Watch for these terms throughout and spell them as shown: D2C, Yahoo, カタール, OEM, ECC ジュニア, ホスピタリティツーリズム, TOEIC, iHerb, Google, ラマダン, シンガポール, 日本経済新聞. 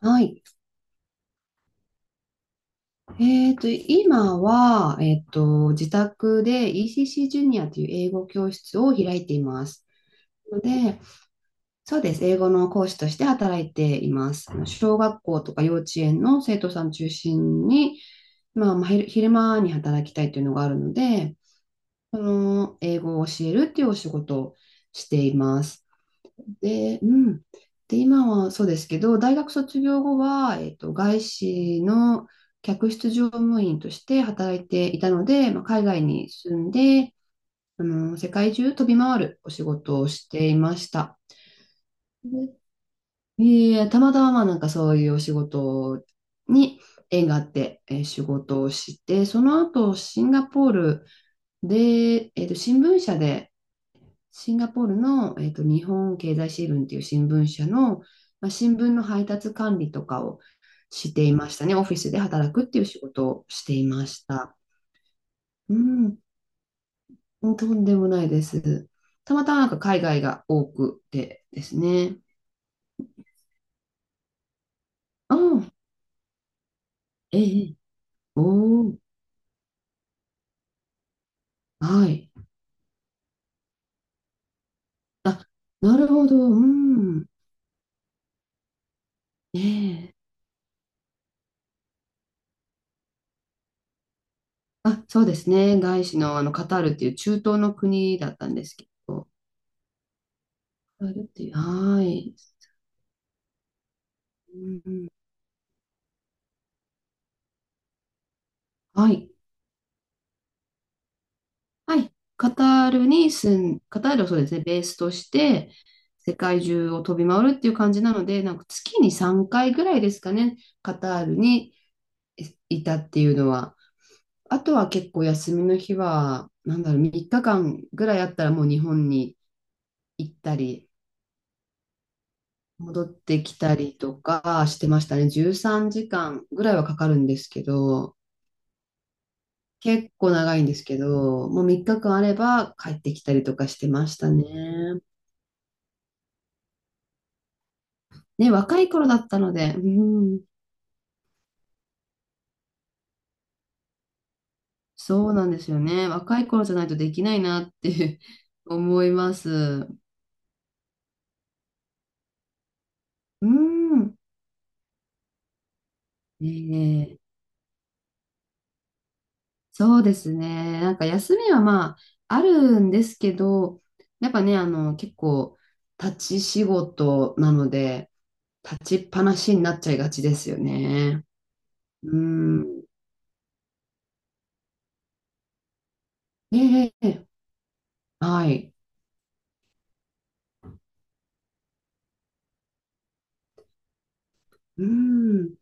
はい。今は、自宅で ECC ジュニアという英語教室を開いています。ので、そうです。英語の講師として働いています。あの小学校とか幼稚園の生徒さん中心に、まあ、昼昼間に働きたいというのがあるので、その英語を教えるっていうお仕事をしています。で、うん。で、今はそうですけど、大学卒業後は、外資の客室乗務員として働いていたので、まあ、海外に住んで、世界中飛び回るお仕事をしていました。で、いえ、たまたま、まあ、なんかそういうお仕事に縁があって、仕事をして、その後シンガポールで、新聞社でシンガポールの、日本経済新聞っていう新聞社の、まあ、新聞の配達管理とかをしていましたね。オフィスで働くっていう仕事をしていました。うん、とんでもないです。たまたまなんか海外が多くてですね。ああ、ええ、おお、はい。あ、なるほど、うん、ええ。あ、そうですね。外資の、カタールっていう中東の国だったんですけど、カタールっていう、はい。うん、はい。はい。カタールをそうですね、ベースとして、世界中を飛び回るっていう感じなので、なんか月に3回ぐらいですかね、カタールにいたっていうのは。あとは結構休みの日は、なんだろう、3日間ぐらいあったらもう日本に行ったり、戻ってきたりとかしてましたね。13時間ぐらいはかかるんですけど、結構長いんですけど、もう3日間あれば帰ってきたりとかしてましたね。ね、若い頃だったので、うん、そうなんですよね。若い頃じゃないとできないなって 思います。うん。ええ、そうですね。なんか休みはまあ、あるんですけど、やっぱね、結構、立ち仕事なので、立ちっぱなしになっちゃいがちですよね。うん。ええ、はい。うん。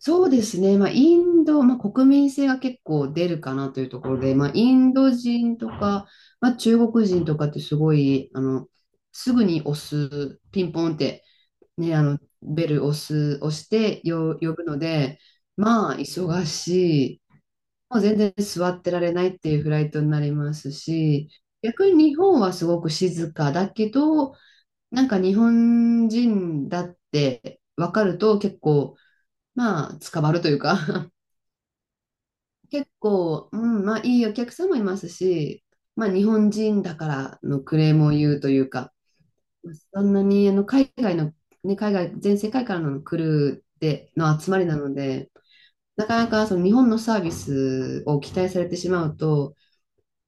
そうですね。まあ、インド、まあ、国民性が結構出るかなというところで、まあ、インド人とか、まあ、中国人とかってすごい、すぐに押す、ピンポンって、ね、ベル押す、押してよ呼ぶので、まあ、忙しい。もう全然座ってられないっていうフライトになりますし、逆に日本はすごく静かだけど、なんか日本人だって分かると結構、まあ、つかまるというか 結構、うん、まあいいお客さんもいますし、まあ日本人だからのクレームを言うというか、そんなに海外の、ね、海外、全世界からの来るでの集まりなので、なかなかその日本のサービスを期待されてしまうと、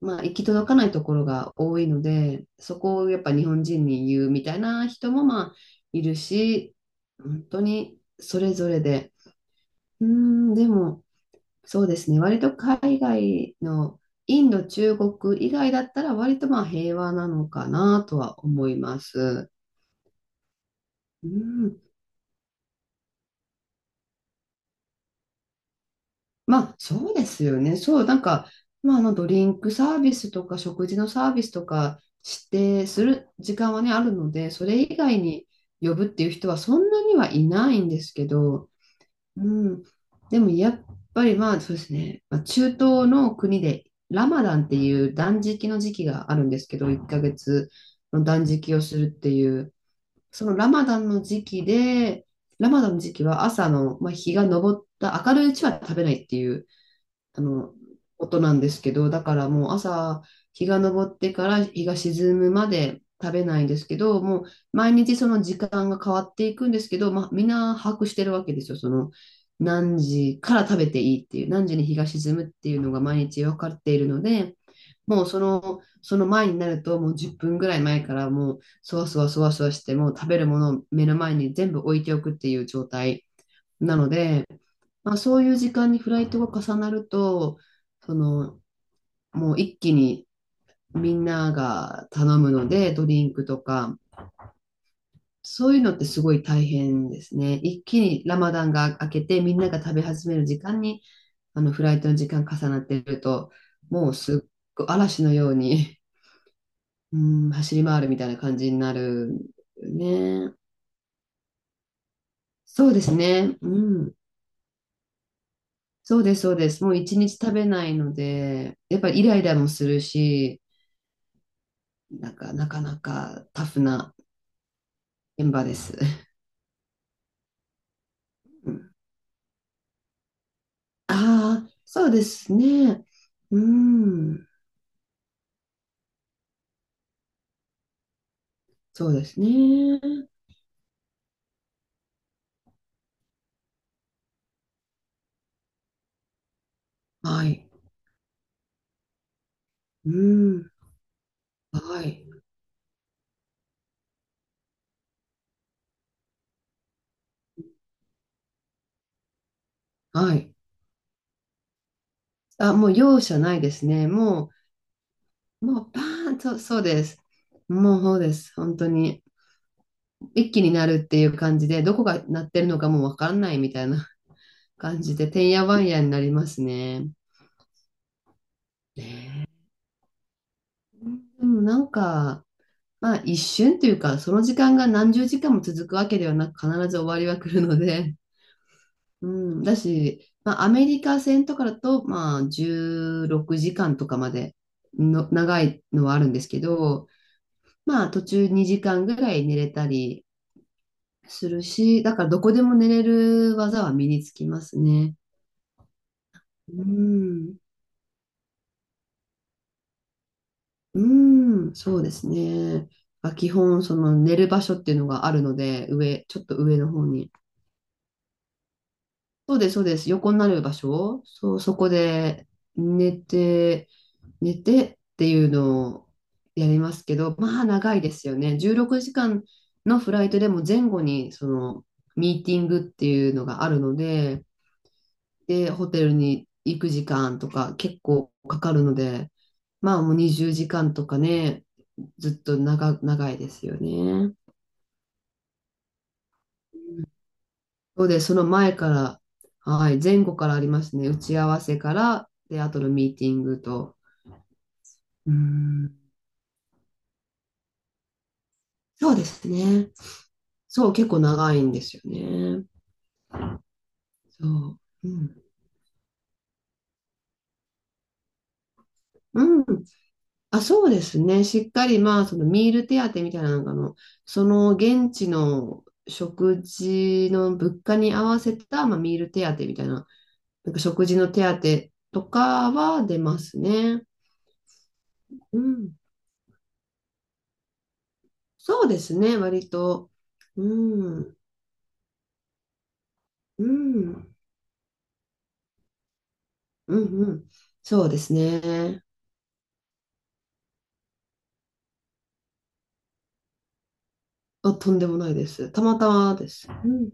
まあ行き届かないところが多いので、そこをやっぱ日本人に言うみたいな人もまあいるし、本当にそれぞれで、うん、でも、そうですね。割と海外のインド、中国以外だったら割とまあ平和なのかなとは思います。うん。まあそうですよね。そう、なんか、まあドリンクサービスとか食事のサービスとか指定する時間はね、あるので、それ以外に呼ぶっていう人はそんなにはいないんですけど、うん。でもやっぱりまあそうですね、まあ、中東の国でラマダンっていう断食の時期があるんですけど、1ヶ月の断食をするっていう、そのラマダンの時期で、ラマダンの時期は朝の、まあ、日が昇った明るいうちは食べないっていうあの、ことなんですけど、だからもう朝、日が昇ってから日が沈むまで食べないんですけど、もう毎日その時間が変わっていくんですけど、まあ、みんな把握してるわけですよ。その何時から食べていいっていう、何時に日が沈むっていうのが毎日分かっているので、もうその前になると、もう10分ぐらい前からもう、そわそわそわそわして、もう食べるものを目の前に全部置いておくっていう状態なので、まあ、そういう時間にフライトが重なると、その、もう一気にみんなが頼むので、ドリンクとか、そういうのってすごい大変ですね。一気にラマダンが明けて、みんなが食べ始める時間に、フライトの時間重なってると、もうすっごい嵐のように、うん、走り回るみたいな感じになるね。そうですね。うん。そうです、そうです。もう一日食べないので、やっぱイライラもするし、なんか、なかなかタフな現場です。うん、ああー、そうですね。うん、そうですね。はい。うん、はい。はい。あ、もう容赦ないですね。もうバーンと、そうです。もうそうです。本当に。一気になるっていう感じで、どこが鳴ってるのかもうわからないみたいな感じで、てんやわんやになりますね。ねえ、でもなんか、まあ一瞬というか、その時間が何十時間も続くわけではなく、必ず終わりは来るので、うん、だし、まあアメリカ戦とかだと、まあ16時間とかまでの長いのはあるんですけど、まあ途中2時間ぐらい寝れたりするし、だからどこでも寝れる技は身につきますね。うん、うん、そうですね。まあ基本、その寝る場所っていうのがあるので、ちょっと上の方に。そうです、そうです。横になる場所。そう、そこで寝て、寝てっていうのをやりますけど、まあ長いですよね。16時間のフライトでも前後にそのミーティングっていうのがあるので、で、ホテルに行く時間とか結構かかるので、まあもう20時間とかね、ずっと長いですよね。そうです。その前から、はい、前後からありますね。打ち合わせから、で、あとのミーティングと。うん。そうですね。そう、結構長いんですよね。そう。うん。うん。あ、そうですね。しっかり、まあ、そのミール手当みたいなのが、なんか、その現地の食事の物価に合わせた、まあ、ミール手当みたいな、なんか食事の手当とかは出ますね。うん。そうですね。割と。うん。うん、うん、うん。そうですね。あ、とんでもないです。たまたまです。うん。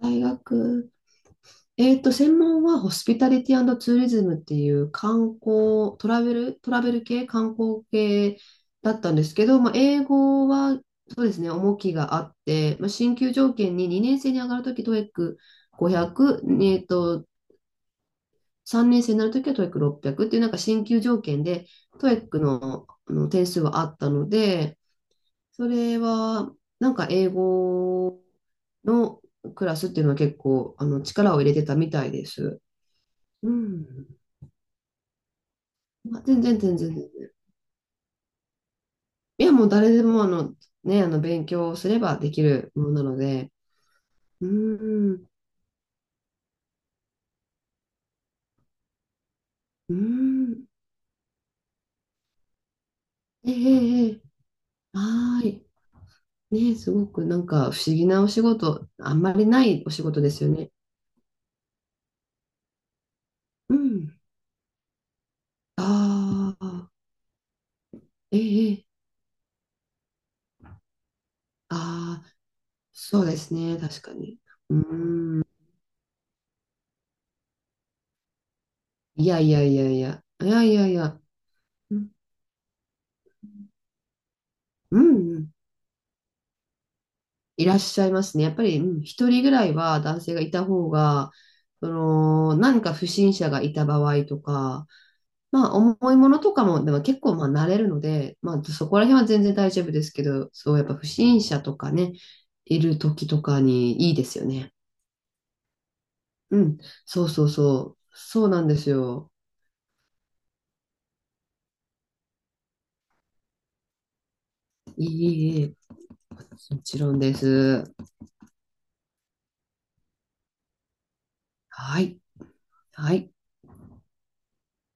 大学、専門はホスピタリティツーリズムっていう観光、トラベル系、観光系だったんですけど、まあ、英語は、そうですね、重きがあって、まあ、進級条件に2年生に上がるとき、トエック c 5 0 0えっと、3年生になるときはト o e i c 6 0 0っていう、なんか進級条件で、トエックの、あの点数はあったので、それは、なんか英語のクラスっていうのは結構、力を入れてたみたいです。うん。まあ、全然全然。いや、もう誰でも、ね、勉強すればできるものなので。うん。うん。ええええ、はーい。ね、すごくなんか不思議なお仕事、あんまりないお仕事ですよね。うん。ああ、えええ、ああ、そうですね、確かに。うん。いやいやいやいや、いやいやいや、うんうんうん、いらっしゃいますね。やっぱり、うん、一人ぐらいは男性がいた方が、何か不審者がいた場合とか、まあ、重いものとかも、でも結構、まあ、慣れるので、まあ、そこら辺は全然大丈夫ですけど、そう、やっぱ不審者とかね、いる時とかにいいですよね。うん、そうそうそう、そうなんですよ。いい、いいいい、もちろんです。はい、はい。